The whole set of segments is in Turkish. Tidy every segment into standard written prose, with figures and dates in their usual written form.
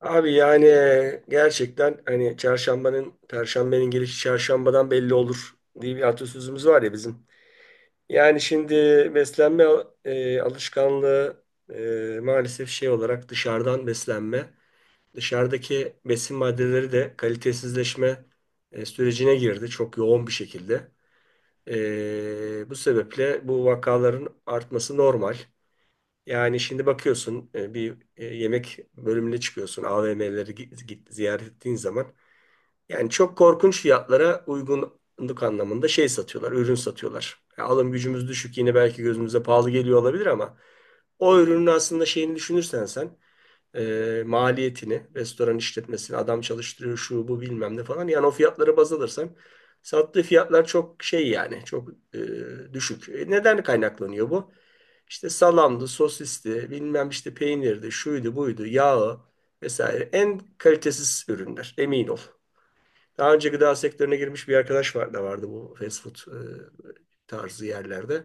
Abi yani gerçekten hani çarşambanın, perşembenin gelişi çarşambadan belli olur diye bir atasözümüz var ya bizim. Yani şimdi beslenme alışkanlığı maalesef şey olarak dışarıdan beslenme, dışarıdaki besin maddeleri de kalitesizleşme sürecine girdi çok yoğun bir şekilde. Bu sebeple bu vakaların artması normal. Yani şimdi bakıyorsun bir yemek bölümüne çıkıyorsun AVM'leri ziyaret ettiğin zaman yani çok korkunç fiyatlara uygunluk anlamında şey satıyorlar, ürün satıyorlar. Ya alım gücümüz düşük yine belki gözümüze pahalı geliyor olabilir ama o ürünün aslında şeyini düşünürsen sen, maliyetini, restoran işletmesini, adam çalıştırıyor şu bu bilmem ne falan, yani o fiyatlara baz alırsan sattığı fiyatlar çok şey, yani çok düşük. Neden kaynaklanıyor bu? İşte salamdı, sosisti, bilmem işte peynirdi, şuydu, buydu, yağı vesaire. En kalitesiz ürünler, emin ol. Daha önce gıda sektörüne girmiş bir arkadaş var da vardı bu fast food tarzı yerlerde.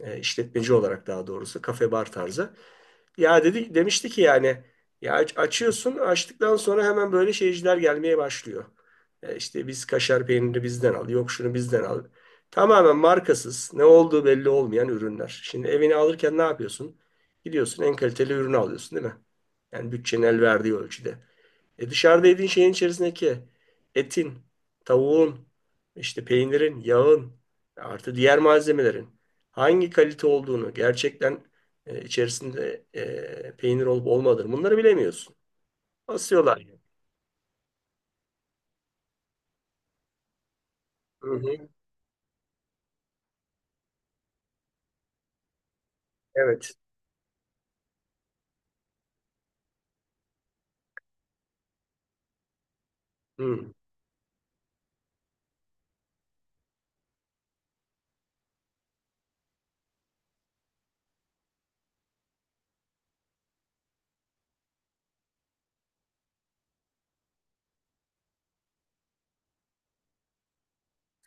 İşletmeci olarak, daha doğrusu kafe bar tarzı. Ya dedi, demişti ki yani ya açıyorsun, açtıktan sonra hemen böyle şeyciler gelmeye başlıyor. İşte biz kaşar peynirini bizden al, yok şunu bizden al. Tamamen markasız, ne olduğu belli olmayan ürünler. Şimdi evini alırken ne yapıyorsun? Gidiyorsun, en kaliteli ürünü alıyorsun değil mi? Yani bütçenin el verdiği ölçüde. E dışarıda yediğin şeyin içerisindeki etin, tavuğun, işte peynirin, yağın, artı diğer malzemelerin hangi kalite olduğunu gerçekten, içerisinde peynir olup olmadığını bunları bilemiyorsun. Asıyorlar yani. Hı hı. Evet. Hı.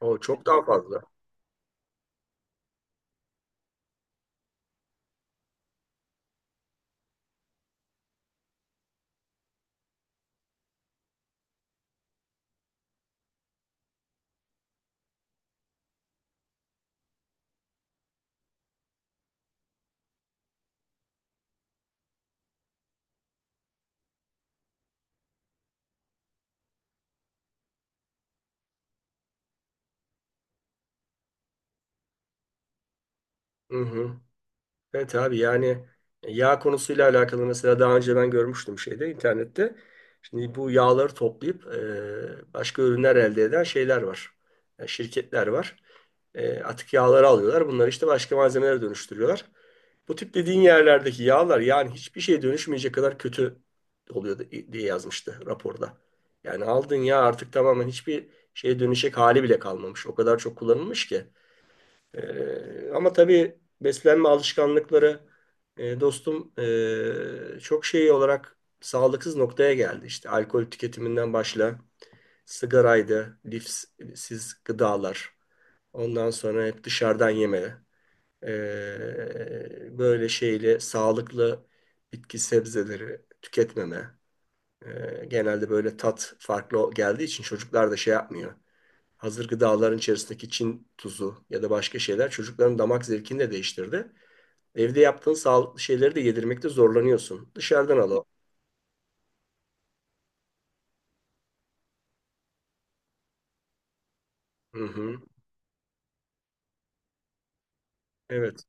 O çok daha fazla. Hı hı. Evet abi, yani yağ konusuyla alakalı mesela daha önce ben görmüştüm şeyde, internette. Şimdi bu yağları toplayıp başka ürünler elde eden şeyler var. Yani şirketler var. Atık yağları alıyorlar. Bunları işte başka malzemelere dönüştürüyorlar. Bu tip dediğin yerlerdeki yağlar yani hiçbir şeye dönüşmeyecek kadar kötü oluyor diye yazmıştı raporda. Yani aldığın yağ artık tamamen hiçbir şeye dönüşecek hali bile kalmamış. O kadar çok kullanılmış ki. Ama tabii beslenme alışkanlıkları dostum çok şey olarak sağlıksız noktaya geldi. İşte alkol tüketiminden başla, sigaraydı, lifsiz gıdalar. Ondan sonra hep dışarıdan yemeli. Böyle şeyle sağlıklı bitki sebzeleri tüketmeme. Genelde böyle tat farklı geldiği için çocuklar da şey yapmıyor. Hazır gıdaların içerisindeki Çin tuzu ya da başka şeyler çocukların damak zevkini de değiştirdi. Evde yaptığın sağlıklı şeyleri de yedirmekte zorlanıyorsun. Dışarıdan alalım. Hı hı. Evet.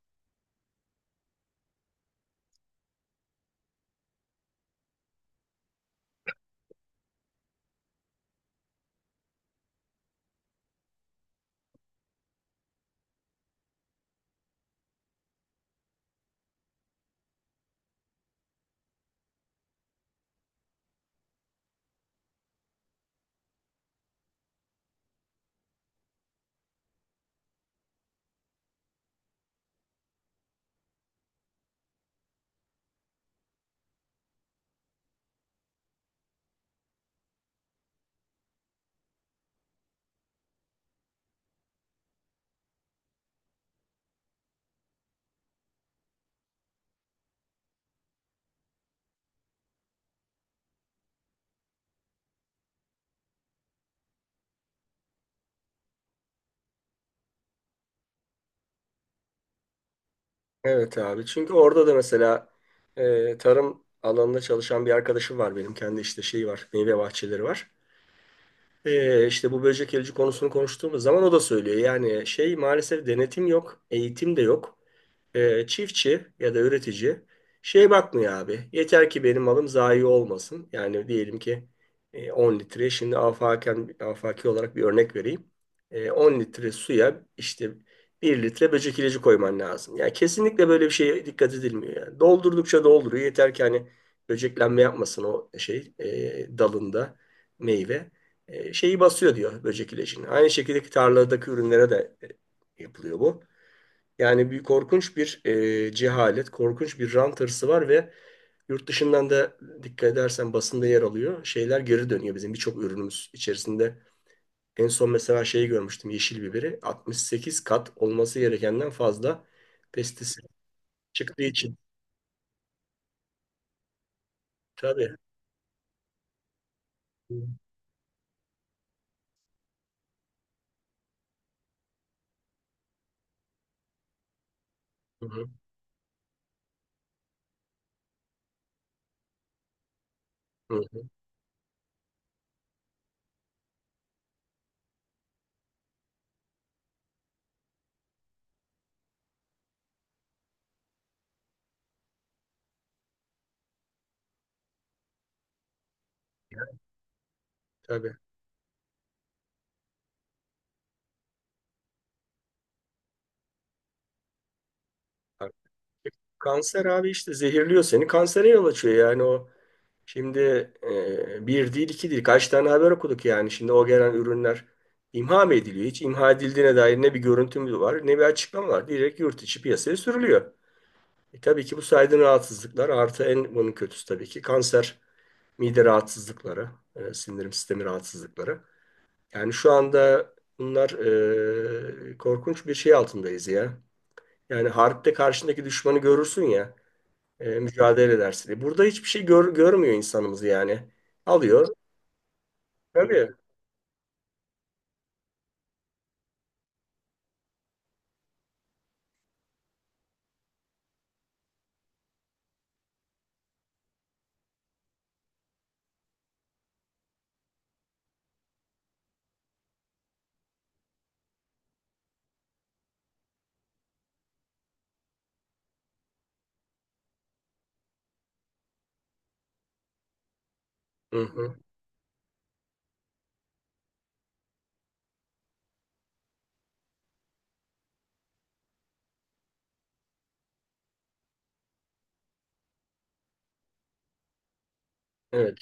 Evet abi. Çünkü orada da mesela tarım alanında çalışan bir arkadaşım var benim. Kendi işte şeyi var. Meyve bahçeleri var. İşte bu böcek ilacı konusunu konuştuğumuz zaman o da söylüyor. Yani şey, maalesef denetim yok, eğitim de yok. Çiftçi ya da üretici şey bakmıyor abi. Yeter ki benim malım zayi olmasın. Yani diyelim ki 10 litre, şimdi afaki olarak bir örnek vereyim. 10 litre suya işte bir litre böcek ilacı koyman lazım. Yani kesinlikle böyle bir şeye dikkat edilmiyor yani. Doldurdukça dolduruyor. Yeter ki hani böceklenme yapmasın o şey, dalında meyve, şeyi basıyor diyor böcek ilacını. Aynı şekilde tarladaki ürünlere de yapılıyor bu. Yani bir korkunç bir cehalet, korkunç bir rant hırsı var ve yurt dışından da, dikkat edersen basında yer alıyor, şeyler geri dönüyor bizim birçok ürünümüz içerisinde. En son mesela şeyi görmüştüm, yeşil biberi 68 kat olması gerekenden fazla pestisit çıktığı için. Tabii. Hı hı. Hı hı. Tabii. Kanser abi, işte zehirliyor seni. Kansere yol açıyor yani o. Şimdi bir değil iki değil, kaç tane haber okuduk yani. Şimdi o gelen ürünler imha mı ediliyor? Hiç imha edildiğine dair ne bir görüntü var ne bir açıklama var. Direkt yurt içi piyasaya sürülüyor. Tabii ki bu saydığın rahatsızlıklar, artı en bunun kötüsü tabii ki kanser, mide rahatsızlıkları, sindirim sistemi rahatsızlıkları. Yani şu anda bunlar, korkunç bir şey altındayız ya. Yani harpte karşındaki düşmanı görürsün ya mücadele edersin diye. Burada hiçbir şey görmüyor insanımız yani. Alıyor. Tabii. Hı hı. Evet.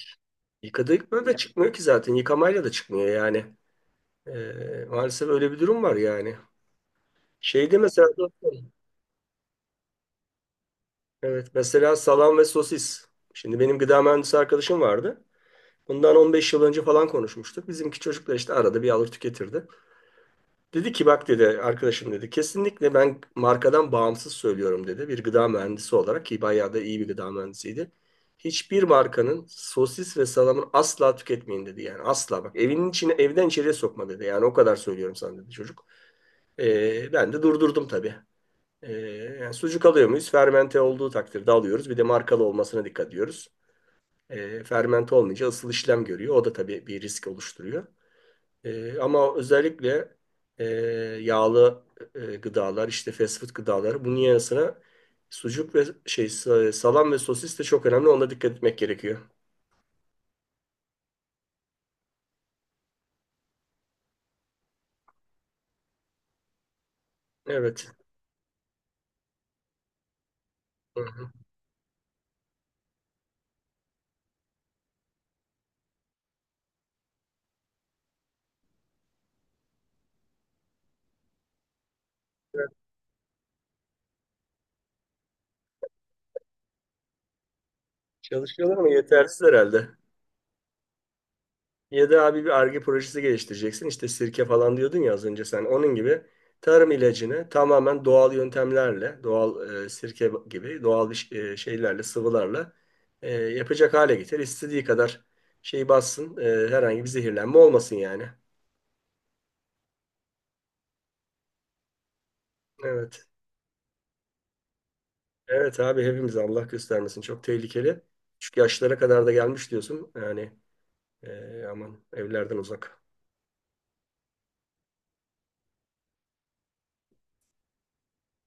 Yıkadık, böyle de çıkmıyor ki zaten. Yıkamayla da çıkmıyor yani. Maalesef öyle bir durum var yani. Şeyde mesela, evet, mesela salam ve sosis. Şimdi benim gıda mühendisi arkadaşım vardı. Bundan 15 yıl önce falan konuşmuştuk. Bizimki çocuklar işte arada bir alır tüketirdi. Dedi ki, bak dedi arkadaşım, dedi kesinlikle ben markadan bağımsız söylüyorum dedi. Bir gıda mühendisi olarak, ki bayağı da iyi bir gıda mühendisiydi. Hiçbir markanın sosis ve salamını asla tüketmeyin dedi. Yani asla, bak, evinin içine, evden içeriye sokma dedi. Yani o kadar söylüyorum sana dedi çocuk. Ben de durdurdum tabii. Ee, yani sucuk alıyor muyuz? Fermente olduğu takdirde alıyoruz. Bir de markalı olmasına dikkat ediyoruz. Fermente olmayınca ısıl işlem görüyor. O da tabii bir risk oluşturuyor. Ama özellikle e, yağlı gıdalar, işte fast food gıdaları, bunun yanı sıra sucuk ve salam ve sosis de çok önemli. Ona dikkat etmek gerekiyor. Evet. Hı hı. Çalışıyorlar ama yetersiz herhalde. Ya da abi bir Ar-Ge projesi geliştireceksin. İşte sirke falan diyordun ya az önce sen. Onun gibi tarım ilacını tamamen doğal yöntemlerle, doğal sirke gibi doğal bir şeylerle, sıvılarla yapacak hale getir. İstediği kadar şey bassın, herhangi bir zehirlenme olmasın yani. Evet. Evet abi, hepimiz, Allah göstermesin, çok tehlikeli. Çünkü yaşlara kadar da gelmiş diyorsun. Yani, aman evlerden uzak.